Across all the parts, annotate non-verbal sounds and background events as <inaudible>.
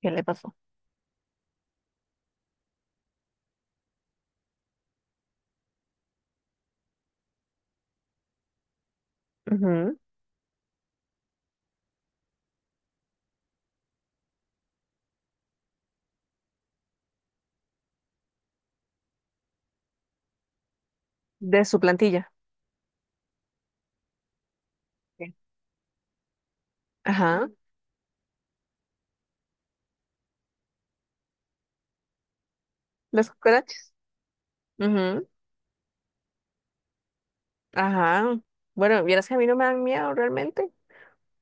¿Qué le pasó? Ujú. De su plantilla. ¿Qué? Ajá. Las cucarachas. Ujú. Ajá. Bueno, vieras que a mí no me dan miedo realmente.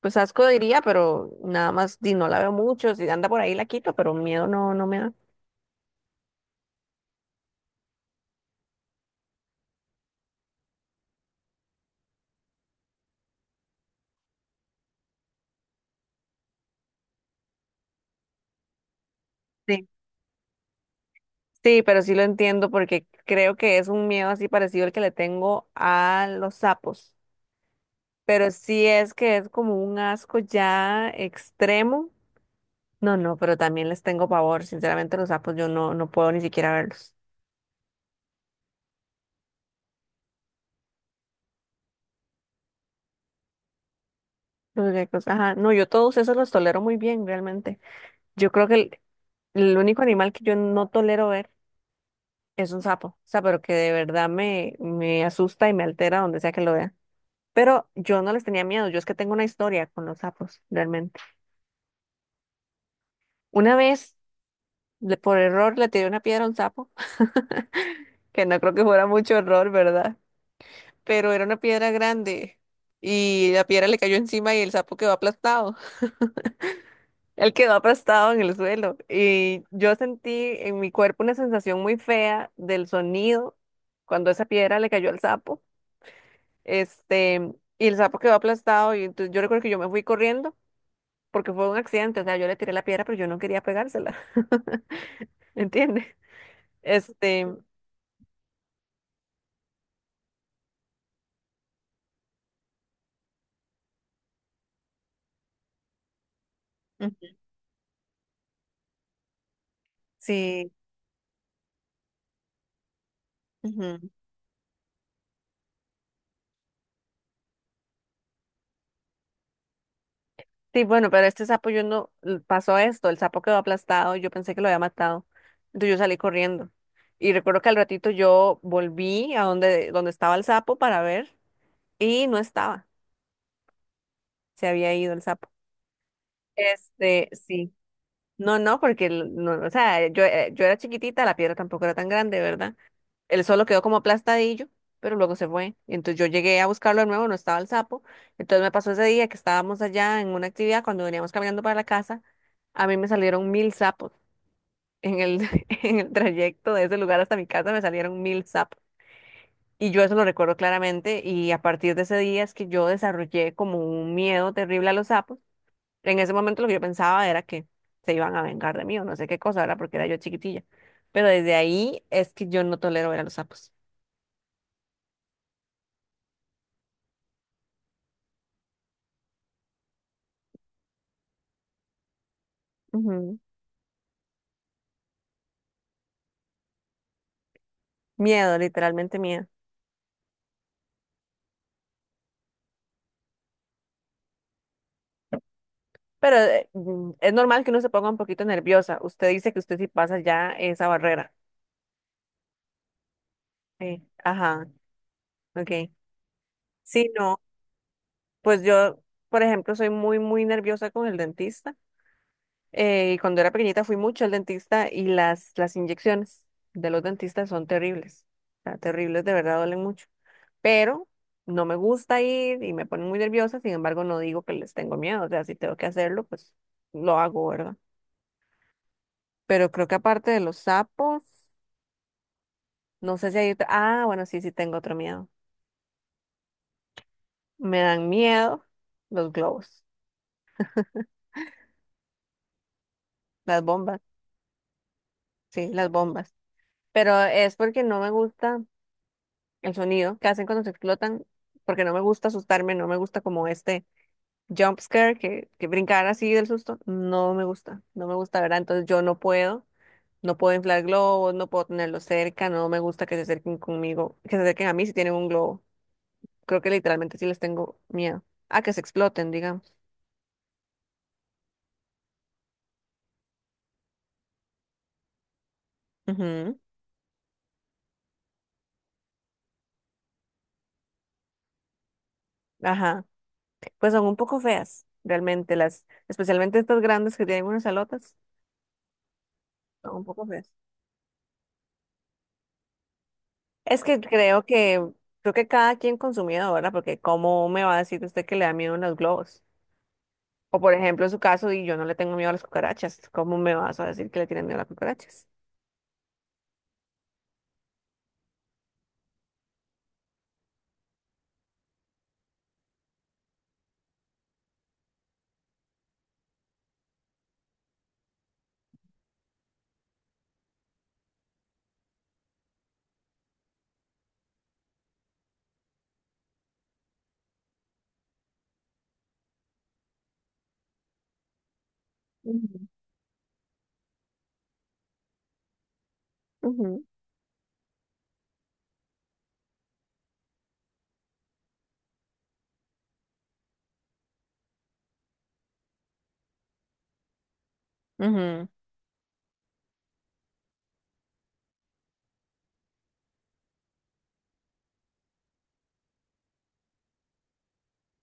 Pues asco diría, pero nada más, di, no la veo mucho. Si anda por ahí la quito, pero miedo no, no me da. Sí. Sí, pero sí lo entiendo porque creo que es un miedo así parecido al que le tengo a los sapos. Pero sí es que es como un asco ya extremo. No, no, pero también les tengo pavor. Sinceramente, los sapos yo no, no puedo ni siquiera verlos. Los geckos, ajá. No, yo todos esos los tolero muy bien, realmente. Yo creo que el único animal que yo no tolero ver es un sapo. O sea, pero que de verdad me asusta y me altera donde sea que lo vea. Pero yo no les tenía miedo, yo es que tengo una historia con los sapos, realmente. Una vez, por error, le tiré una piedra a un sapo, <laughs> que no creo que fuera mucho error, ¿verdad? Pero era una piedra grande y la piedra le cayó encima y el sapo quedó aplastado. Él quedó aplastado en el suelo y yo sentí en mi cuerpo una sensación muy fea del sonido cuando esa piedra le cayó al sapo. Y el sapo quedó aplastado y entonces yo recuerdo que yo me fui corriendo porque fue un accidente, o sea, yo le tiré la piedra pero yo no quería pegársela. <laughs> ¿Entiendes? Este, ujú, sí. Sí, bueno, pero este sapo yo no pasó esto, el sapo quedó aplastado, yo pensé que lo había matado, entonces yo salí corriendo. Y recuerdo que al ratito yo volví a donde estaba el sapo para ver y no estaba, se había ido el sapo. Sí. No, no, porque no, o sea, yo, yo era chiquitita, la piedra tampoco era tan grande, ¿verdad? Él solo quedó como aplastadillo, pero luego se fue. Y entonces yo llegué a buscarlo de nuevo, no estaba el sapo. Entonces me pasó ese día que estábamos allá en una actividad, cuando veníamos caminando para la casa, a mí me salieron mil sapos. En el, <laughs> en el trayecto de ese lugar hasta mi casa me salieron mil sapos. Y yo eso lo recuerdo claramente y a partir de ese día es que yo desarrollé como un miedo terrible a los sapos. En ese momento lo que yo pensaba era que se iban a vengar de mí o no sé qué cosa, era porque era yo chiquitilla. Pero desde ahí es que yo no tolero ver a los sapos. Ujú. Miedo, literalmente miedo. Pero es normal que uno se ponga un poquito nerviosa. Usted dice que usted sí pasa ya esa barrera. Sí. Ajá, ok. Sí, no, pues yo, por ejemplo, soy muy, muy nerviosa con el dentista. Y cuando era pequeñita fui mucho al dentista y las inyecciones de los dentistas son terribles. O sea, terribles, de verdad duelen mucho. Pero no me gusta ir y me ponen muy nerviosa. Sin embargo, no digo que les tengo miedo. O sea, si tengo que hacerlo, pues lo hago, ¿verdad? Pero creo que aparte de los sapos, no sé si hay otro. Ah, bueno, sí, sí tengo otro miedo. Me dan miedo los globos, las bombas, sí, las bombas. Pero es porque no me gusta el sonido que hacen cuando se explotan, porque no me gusta asustarme, no me gusta como este jump scare que brincar así del susto. No me gusta, no me gusta, ¿verdad? Entonces yo no puedo, no puedo inflar globos, no puedo tenerlos cerca, no me gusta que se acerquen conmigo, que se acerquen a mí si tienen un globo. Creo que literalmente sí les tengo miedo. A que se exploten, digamos. Ujú. Ajá. Pues son un poco feas, realmente, especialmente estas grandes que tienen unas alotas, son un poco feas. Es que creo que, creo que cada quien con su miedo, ¿verdad? Porque ¿cómo me va a decir usted que le da miedo a los globos? O por ejemplo, en su caso, y yo no le tengo miedo a las cucarachas, ¿cómo me vas a decir que le tienen miedo a las cucarachas? Ujú, ujú, ujú.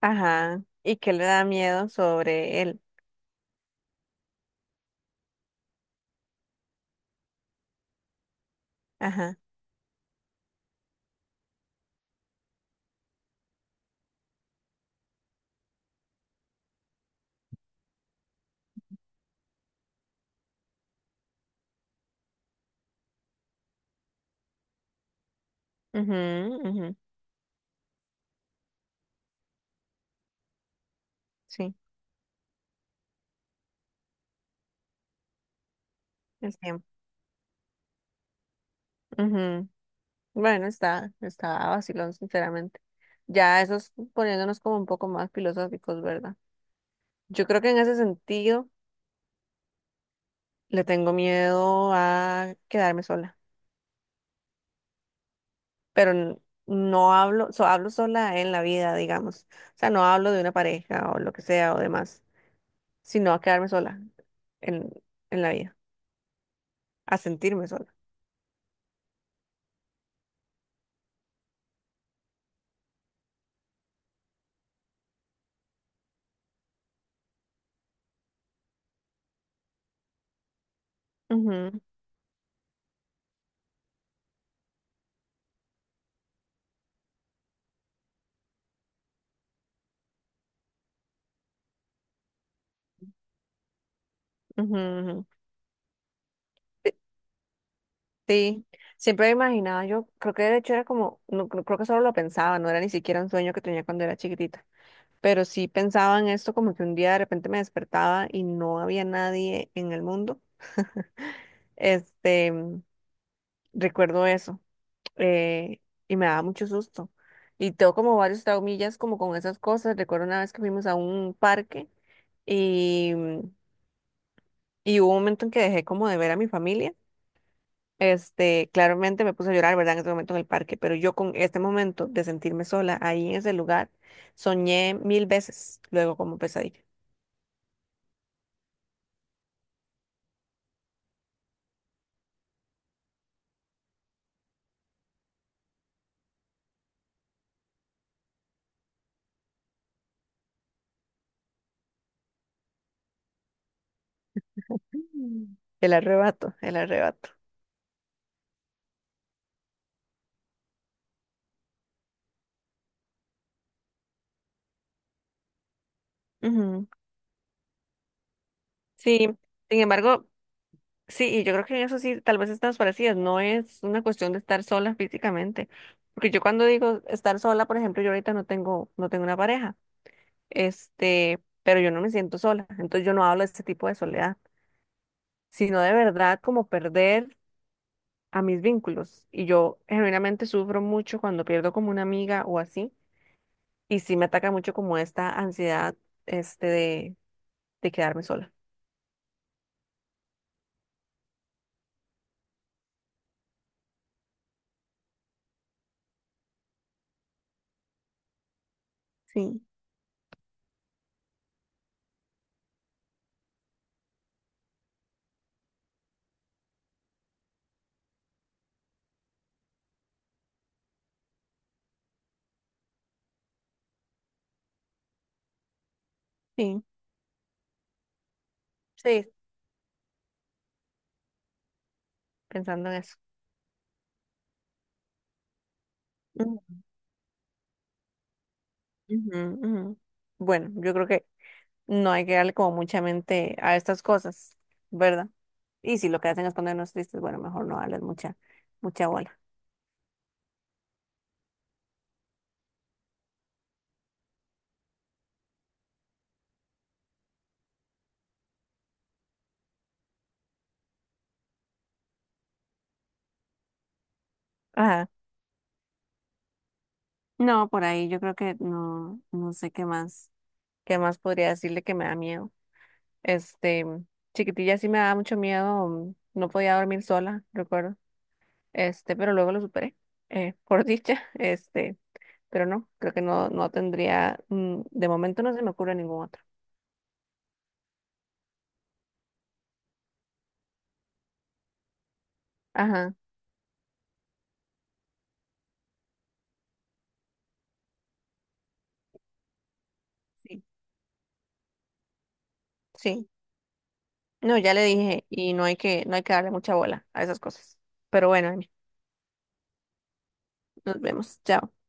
Ajá. ¿Y qué le da miedo sobre él? Ajá. Ujú, ujú. Sí, el tiempo. Ujú. Bueno, está vacilón, sinceramente. Ya eso es poniéndonos como un poco más filosóficos, ¿verdad? Yo creo que en ese sentido le tengo miedo a quedarme sola, pero no hablo, hablo sola en la vida, digamos. O sea, no hablo de una pareja o lo que sea o demás, sino a quedarme sola en, en la vida, a sentirme sola. Ujú, ujú, ujú. Sí, siempre me imaginaba, yo creo que de hecho era como, no, creo que solo lo pensaba, no era ni siquiera un sueño que tenía cuando era chiquitita, pero sí pensaba en esto como que un día de repente me despertaba y no había nadie en el mundo. <laughs> Este, recuerdo eso eh, y me daba mucho susto. Y tengo como varios traumillas como con esas cosas. Recuerdo una vez que fuimos a un parque y, y hubo un momento en que dejé como de ver a mi familia. Claramente me puse a llorar, ¿verdad? En ese momento en el parque, pero yo con este momento de sentirme sola ahí en ese lugar, soñé mil veces, luego como pesadilla. Mm. El arrebato, el arrebato. Ujú. Sí, sin embargo, sí, y yo creo que en eso sí, tal vez estamos parecidas, no es una cuestión de estar sola físicamente, porque yo cuando digo estar sola, por ejemplo, yo ahorita no tengo, no tengo una pareja, pero yo no me siento sola, entonces yo no hablo de este tipo de soledad, sino de verdad como perder a mis vínculos. Y yo genuinamente sufro mucho cuando pierdo como una amiga o así. Y sí me ataca mucho como esta ansiedad este de, de quedarme sola. Sí, sí. Sí, pensando en eso. Ujú, ujú, ujú. Bueno, yo creo que no hay que darle como mucha mente a estas cosas, ¿verdad? Y si lo que hacen es ponernos tristes, bueno, mejor no darles mucha bola. Ajá. No, por ahí yo creo que no, no sé qué más podría decirle que me da miedo. Este, chiquitilla sí me daba mucho miedo, no podía dormir sola, recuerdo. Pero luego lo superé, por dicha. <laughs> Pero no, creo que no, no tendría, de momento no se me ocurre ningún otro. Ajá, sí, sí. No, ya le dije, y no hay que, no hay que darle mucha bola a esas cosas. Pero bueno, Amy, nos vemos. Chao.